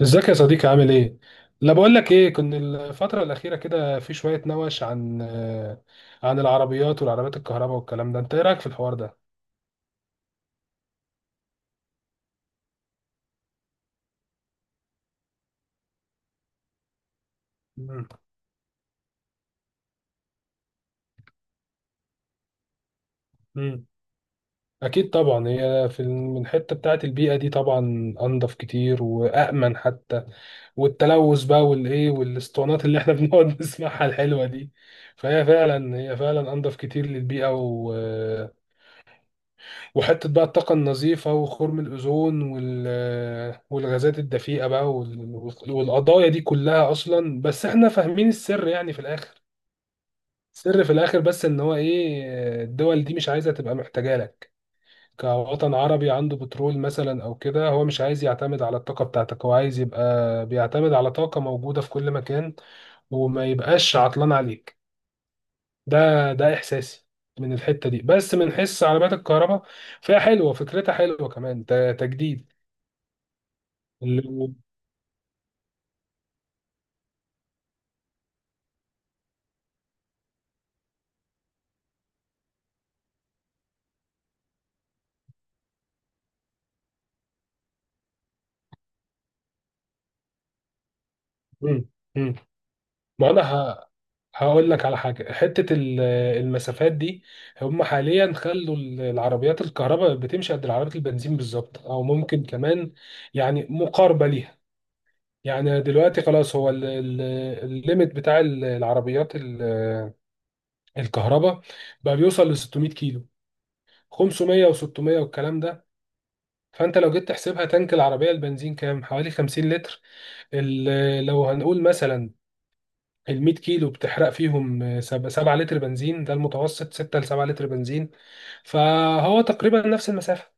ازيك يا صديقي؟ عامل ايه؟ لا، بقول لك ايه، كنت الفترة الأخيرة كده في شوية نوش عن عن العربيات والعربيات الكهرباء والكلام ده، أنت إيه رأيك في الحوار ده؟ مم. مم. أكيد طبعا، هي في الحتة بتاعة البيئة دي طبعا أنضف كتير وأأمن حتى، والتلوث بقى والإيه والأسطوانات اللي إحنا بنقعد نسمعها الحلوة دي، فهي فعلا، هي فعلا أنضف كتير للبيئة، وحتة بقى الطاقة النظيفة وخرم الأوزون والغازات الدفيئة بقى والقضايا دي كلها. أصلا بس إحنا فاهمين السر يعني في الآخر، السر في الآخر بس إن هو إيه، الدول دي مش عايزة تبقى محتاجة لك كوطن عربي عنده بترول مثلا أو كده. هو مش عايز يعتمد على الطاقة بتاعتك، هو عايز يبقى بيعتمد على طاقة موجودة في كل مكان، وما يبقاش عطلان عليك. ده ده احساسي من الحته دي، بس من حس عربيات الكهرباء فيها حلوه، فكرتها حلوه كمان، تجديد. ال- مم. مم. ما انا ه- هقول لك على حاجه. حته المسافات دي، هم حاليا خلوا العربيات الكهرباء بتمشي قد العربيات البنزين بالظبط، او ممكن كمان يعني مقاربه ليها. يعني دلوقتي خلاص، هو الليميت بتاع العربيات الكهرباء بقى بيوصل ل 600 كيلو، 500 و600 والكلام ده. فانت لو جيت تحسبها، تانك العربيه البنزين كام؟ حوالي 50 لتر. لو هنقول مثلا ال 100 كيلو بتحرق فيهم 7 لتر بنزين، ده المتوسط، 6 ل 7 لتر بنزين. فهو تقريبا نفس المسافه،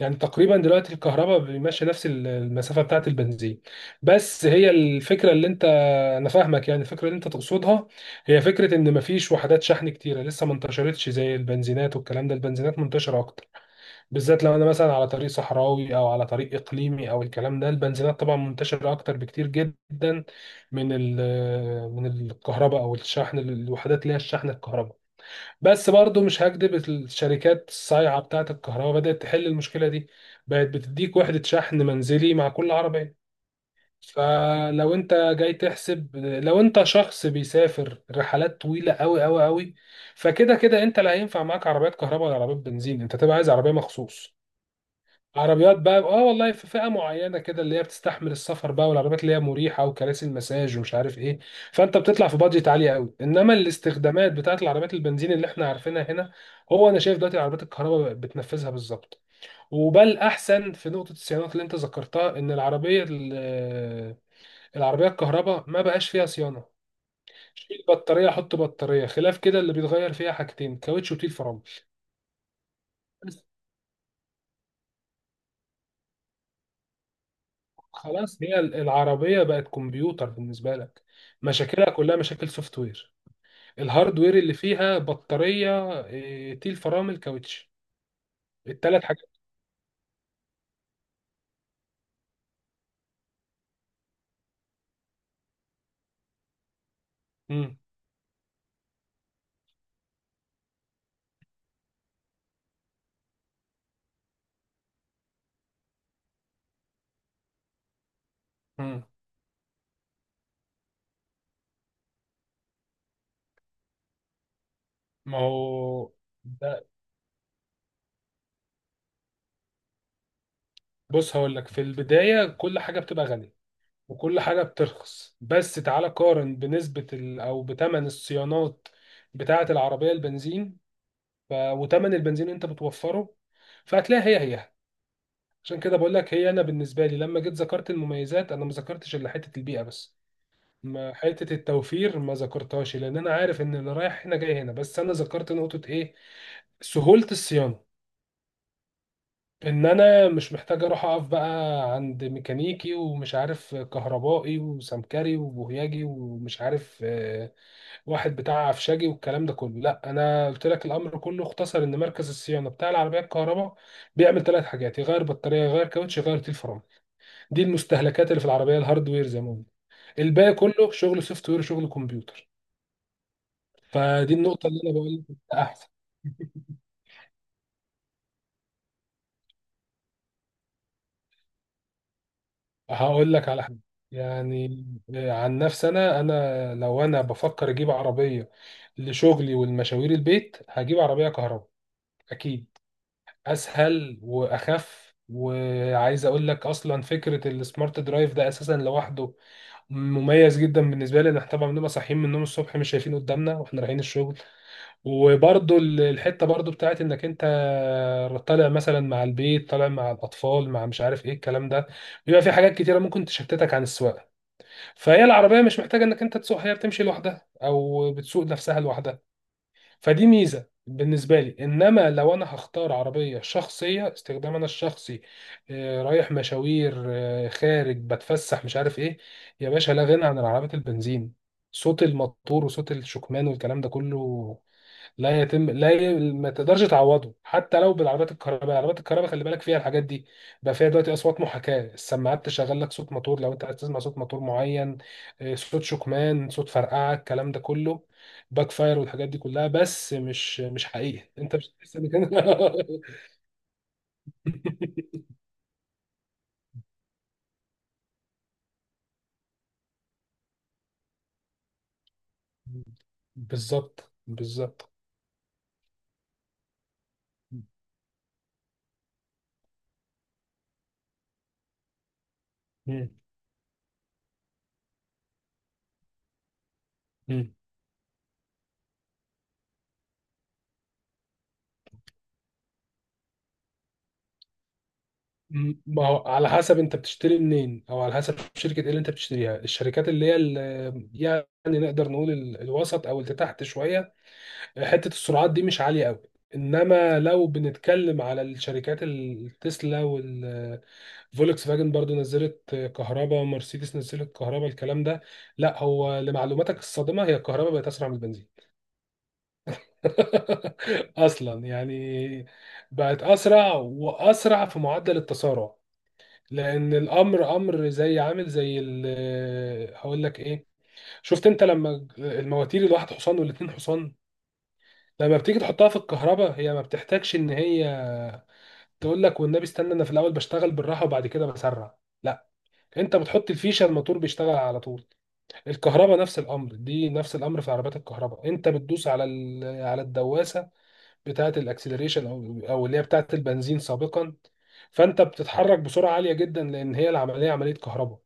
يعني تقريبا دلوقتي الكهرباء بيمشي نفس المسافه بتاعت البنزين. بس هي الفكره اللي انت، انا فاهمك يعني، الفكره اللي انت تقصدها هي فكره ان مفيش وحدات شحن كتيره، لسه ما انتشرتش زي البنزينات والكلام ده. البنزينات منتشره اكتر، بالذات لو انا مثلا على طريق صحراوي او على طريق اقليمي او الكلام ده. البنزينات طبعا منتشره اكتر بكتير جدا من من الكهرباء او الشحن، الوحدات اللي هي الشحن الكهرباء. بس برضو مش هكدب، الشركات الصايعه بتاعه الكهرباء بدات تحل المشكله دي، بقت بتديك وحده شحن منزلي مع كل عربيه. فلو انت جاي تحسب، لو انت شخص بيسافر رحلات طويله قوي قوي قوي، فكده كده انت لا هينفع معاك عربيات كهرباء ولا عربيات بنزين، انت تبقى عايز عربيه مخصوص، عربيات بقى اه والله، في فئه معينه كده اللي هي بتستحمل السفر بقى، والعربيات اللي هي مريحه وكراسي المساج ومش عارف ايه. فانت بتطلع في بادجت عاليه قوي، انما الاستخدامات بتاعت العربيات البنزين اللي احنا عارفينها هنا، هو انا شايف دلوقتي العربيات الكهرباء بتنفذها بالظبط. وبل احسن في نقطه الصيانات اللي انت ذكرتها، ان العربيه العربيه الكهرباء ما بقاش فيها صيانه. شيل بطاريه حط بطاريه، خلاف كده اللي بيتغير فيها حاجتين، كاوتش وتيل فرامل. خلاص، هي العربية بقت كمبيوتر بالنسبة لك. مشاكلها كلها مشاكل سوفت وير. الهاردوير اللي فيها بطارية تيل فرامل، كاوتش، التلات حاجات. مم. مم. ما هو، ده بص، هقول لك في البداية كل حاجة بتبقى غالية، وكل حاجة بترخص، بس تعالى قارن بنسبة أو بتمن الصيانات بتاعة العربية البنزين، وتمن البنزين اللي أنت بتوفره، فهتلاقي هي. عشان كده بقول لك هي، انا بالنسبه لي لما جيت ذكرت المميزات انا ما ذكرتش الا حته البيئه بس، ما حته التوفير ما ذكرتهاش، لان انا عارف ان اللي رايح هنا جاي هنا، بس انا ذكرت نقطه ايه؟ سهولة الصيانة. إن أنا مش محتاج أروح أقف بقى عند ميكانيكي ومش عارف كهربائي وسمكري وبوهياجي ومش عارف واحد بتاع عفشاجي والكلام ده كله. لأ، أنا قلت لك الأمر كله اختصر، إن مركز الصيانة بتاع العربية الكهرباء بيعمل ثلاث حاجات، يغير بطارية، يغير كاوتش، يغير تيل فرامل. دي المستهلكات اللي في العربيه، الهاردوير زي ما قلنا. الباقي كله شغل سوفت وير، شغل كمبيوتر. فدي النقطه اللي انا بقول لك احسن. هقول لك على حاجه يعني، عن نفسي انا لو انا بفكر اجيب عربيه لشغلي والمشاوير البيت، هجيب عربيه كهرباء اكيد. اسهل واخف. وعايز اقول لك اصلا، فكره السمارت درايف ده اساسا لوحده مميز جدا بالنسبه لي، ان احنا طبعا بنبقى صاحيين من النوم الصبح مش شايفين قدامنا واحنا رايحين الشغل، وبرضو الحته برضو بتاعت انك انت طالع مثلا مع البيت، طالع مع الاطفال، مع مش عارف ايه الكلام ده، بيبقى في حاجات كتيره ممكن تشتتك عن السواقه، فهي العربيه مش محتاجه انك انت تسوق، هي بتمشي لوحدها او بتسوق نفسها لوحدها. فدي ميزه بالنسبه لي. انما لو انا هختار عربيه شخصيه، استخدام انا الشخصي، رايح مشاوير خارج بتفسح مش عارف ايه، يا باشا لا غنى عن العربيات البنزين. صوت الموتور وصوت الشكمان والكلام ده كله لا يتم، لا ما تقدرش تعوضه حتى لو بالعربيات الكهرباء. العربيات الكهرباء خلي بالك فيها، الحاجات دي بقى فيها دلوقتي، اصوات محاكاه، السماعات تشغل لك صوت موتور لو انت عايز تسمع صوت موتور معين، صوت شكمان، صوت فرقعه، الكلام ده كله، باك فاير والحاجات دي كلها، بس مش مش حقيقي، انت مش هتحس بكده. بالظبط بالظبط. مم. مم. ما هو على حسب انت بتشتري منين، او على حسب شركه ايه اللي انت بتشتريها. الشركات اللي هي يعني نقدر نقول الوسط او اللي تحت شويه، حته السرعات دي مش عاليه قوي. انما لو بنتكلم على الشركات، التسلا وال فولكس فاجن برضو نزلت كهرباء، مرسيدس نزلت كهرباء، الكلام ده، لا، هو لمعلوماتك الصادمة، هي الكهرباء بقت أسرع من البنزين. أصلا يعني، بقت أسرع، وأسرع في معدل التسارع. لان الامر، امر زي عامل زي هقول لك ايه، شفت انت لما المواتير الواحد حصان والاتنين حصان لما بتيجي تحطها في الكهرباء، هي ما بتحتاجش ان هي تقول لك والنبي استنى انا في الاول بشتغل بالراحه وبعد كده بسرع، لا، انت بتحط الفيشه، الموتور بيشتغل على طول. الكهرباء نفس الامر، دي نفس الامر في عربيات الكهرباء. انت بتدوس على على الدواسه بتاعه الاكسلريشن، او اللي هي بتاعه البنزين سابقا، فانت بتتحرك بسرعه عاليه جدا، لان هي العمليه عمليه كهرباء.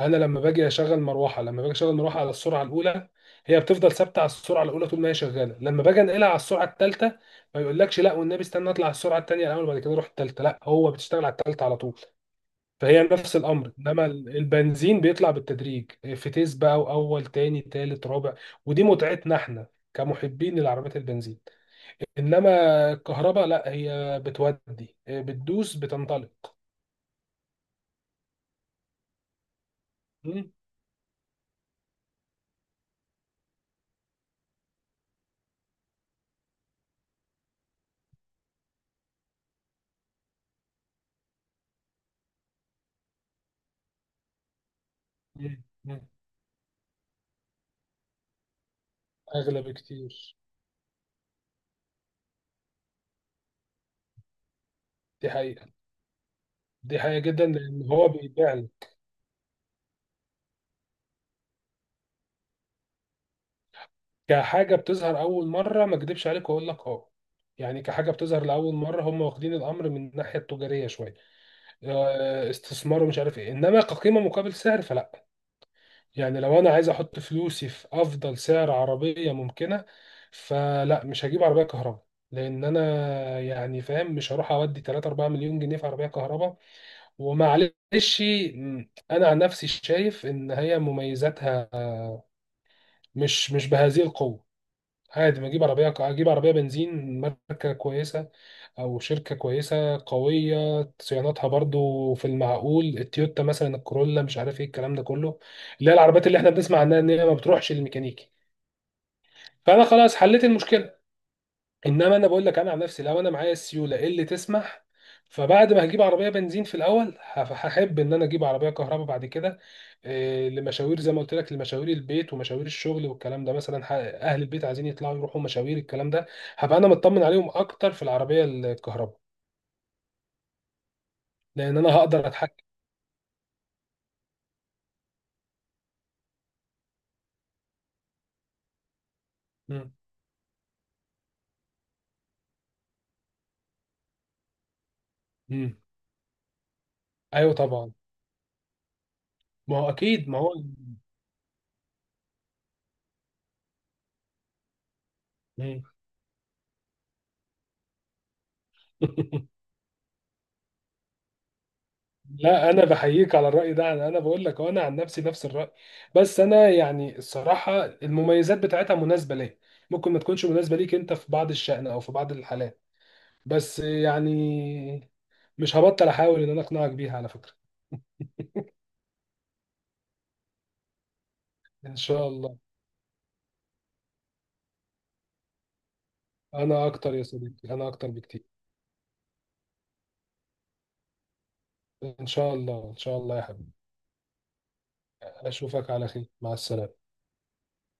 انا لما باجي اشغل مروحه، على السرعه الاولى، هي بتفضل ثابته على السرعه الاولى طول ما هي شغاله. لما باجي انقلها على السرعه الثالثه، ما يقولكش لا والنبي استنى اطلع على السرعه الثانيه الاول وبعد كده اروح الثالثه، لا، هو بتشتغل على الثالثه على طول. فهي نفس الامر، انما البنزين بيطلع بالتدريج، فتيس بقى، واول تاني تالت رابع، ودي متعتنا احنا كمحبين للعربيات البنزين. انما الكهرباء لا، هي بتودي، بتدوس بتنطلق. مم. مم. مم. اغلى بكتير. دي حقيقة، دي حقيقة جدا، لأن هو بيبيعني كحاجة بتظهر أول مرة. ما أكدبش عليك وأقول لك أه، يعني كحاجة بتظهر لأول مرة هم واخدين الأمر من الناحية التجارية شوية، استثمار ومش عارف إيه، إنما كقيمة مقابل سعر فلا. يعني لو أنا عايز أحط فلوسي في أفضل سعر عربية ممكنة، فلا، مش هجيب عربية كهرباء، لأن أنا يعني فاهم مش هروح أودي 3 4 مليون جنيه في عربية كهرباء، ومعلش. م، أنا عن نفسي شايف إن هي مميزاتها مش بهذه القوة. عادي ما اجيب عربيه، اجيب عربيه بنزين ماركه كويسه او شركه كويسه قويه، صيانتها برضو في المعقول، التويوتا مثلا الكورولا مش عارف ايه الكلام ده كله، اللي هي العربيات اللي احنا بنسمع عنها ان هي ما بتروحش للميكانيكي، فانا خلاص حليت المشكله. انما انا بقول لك انا عن نفسي، لو انا معايا السيوله اللي تسمح، فبعد ما هجيب عربيه بنزين في الاول، هحب ان انا اجيب عربيه كهرباء بعد كده، لمشاوير، زي ما قلت لك، لمشاوير البيت ومشاوير الشغل والكلام ده، مثلا اهل البيت عايزين يطلعوا يروحوا مشاوير الكلام ده، هبقى انا مطمن عليهم اكتر في العربيه الكهرباء، لان انا هقدر اتحكم. مم. مم. ايوه طبعا، ما هو اكيد ما هو مم. لا انا بحييك على الراي ده. انا، أنا بقول لك انا عن نفسي نفس الراي، بس انا يعني الصراحه المميزات بتاعتها مناسبه ليا، ممكن ما تكونش مناسبه ليك انت في بعض الشأن او في بعض الحالات، بس يعني مش هبطل احاول ان انا اقنعك بيها على فكره. ان شاء الله. انا اكتر يا صديقي، انا اكتر بكتير. ان شاء الله، ان شاء الله يا حبيبي. اشوفك على خير، مع السلامه.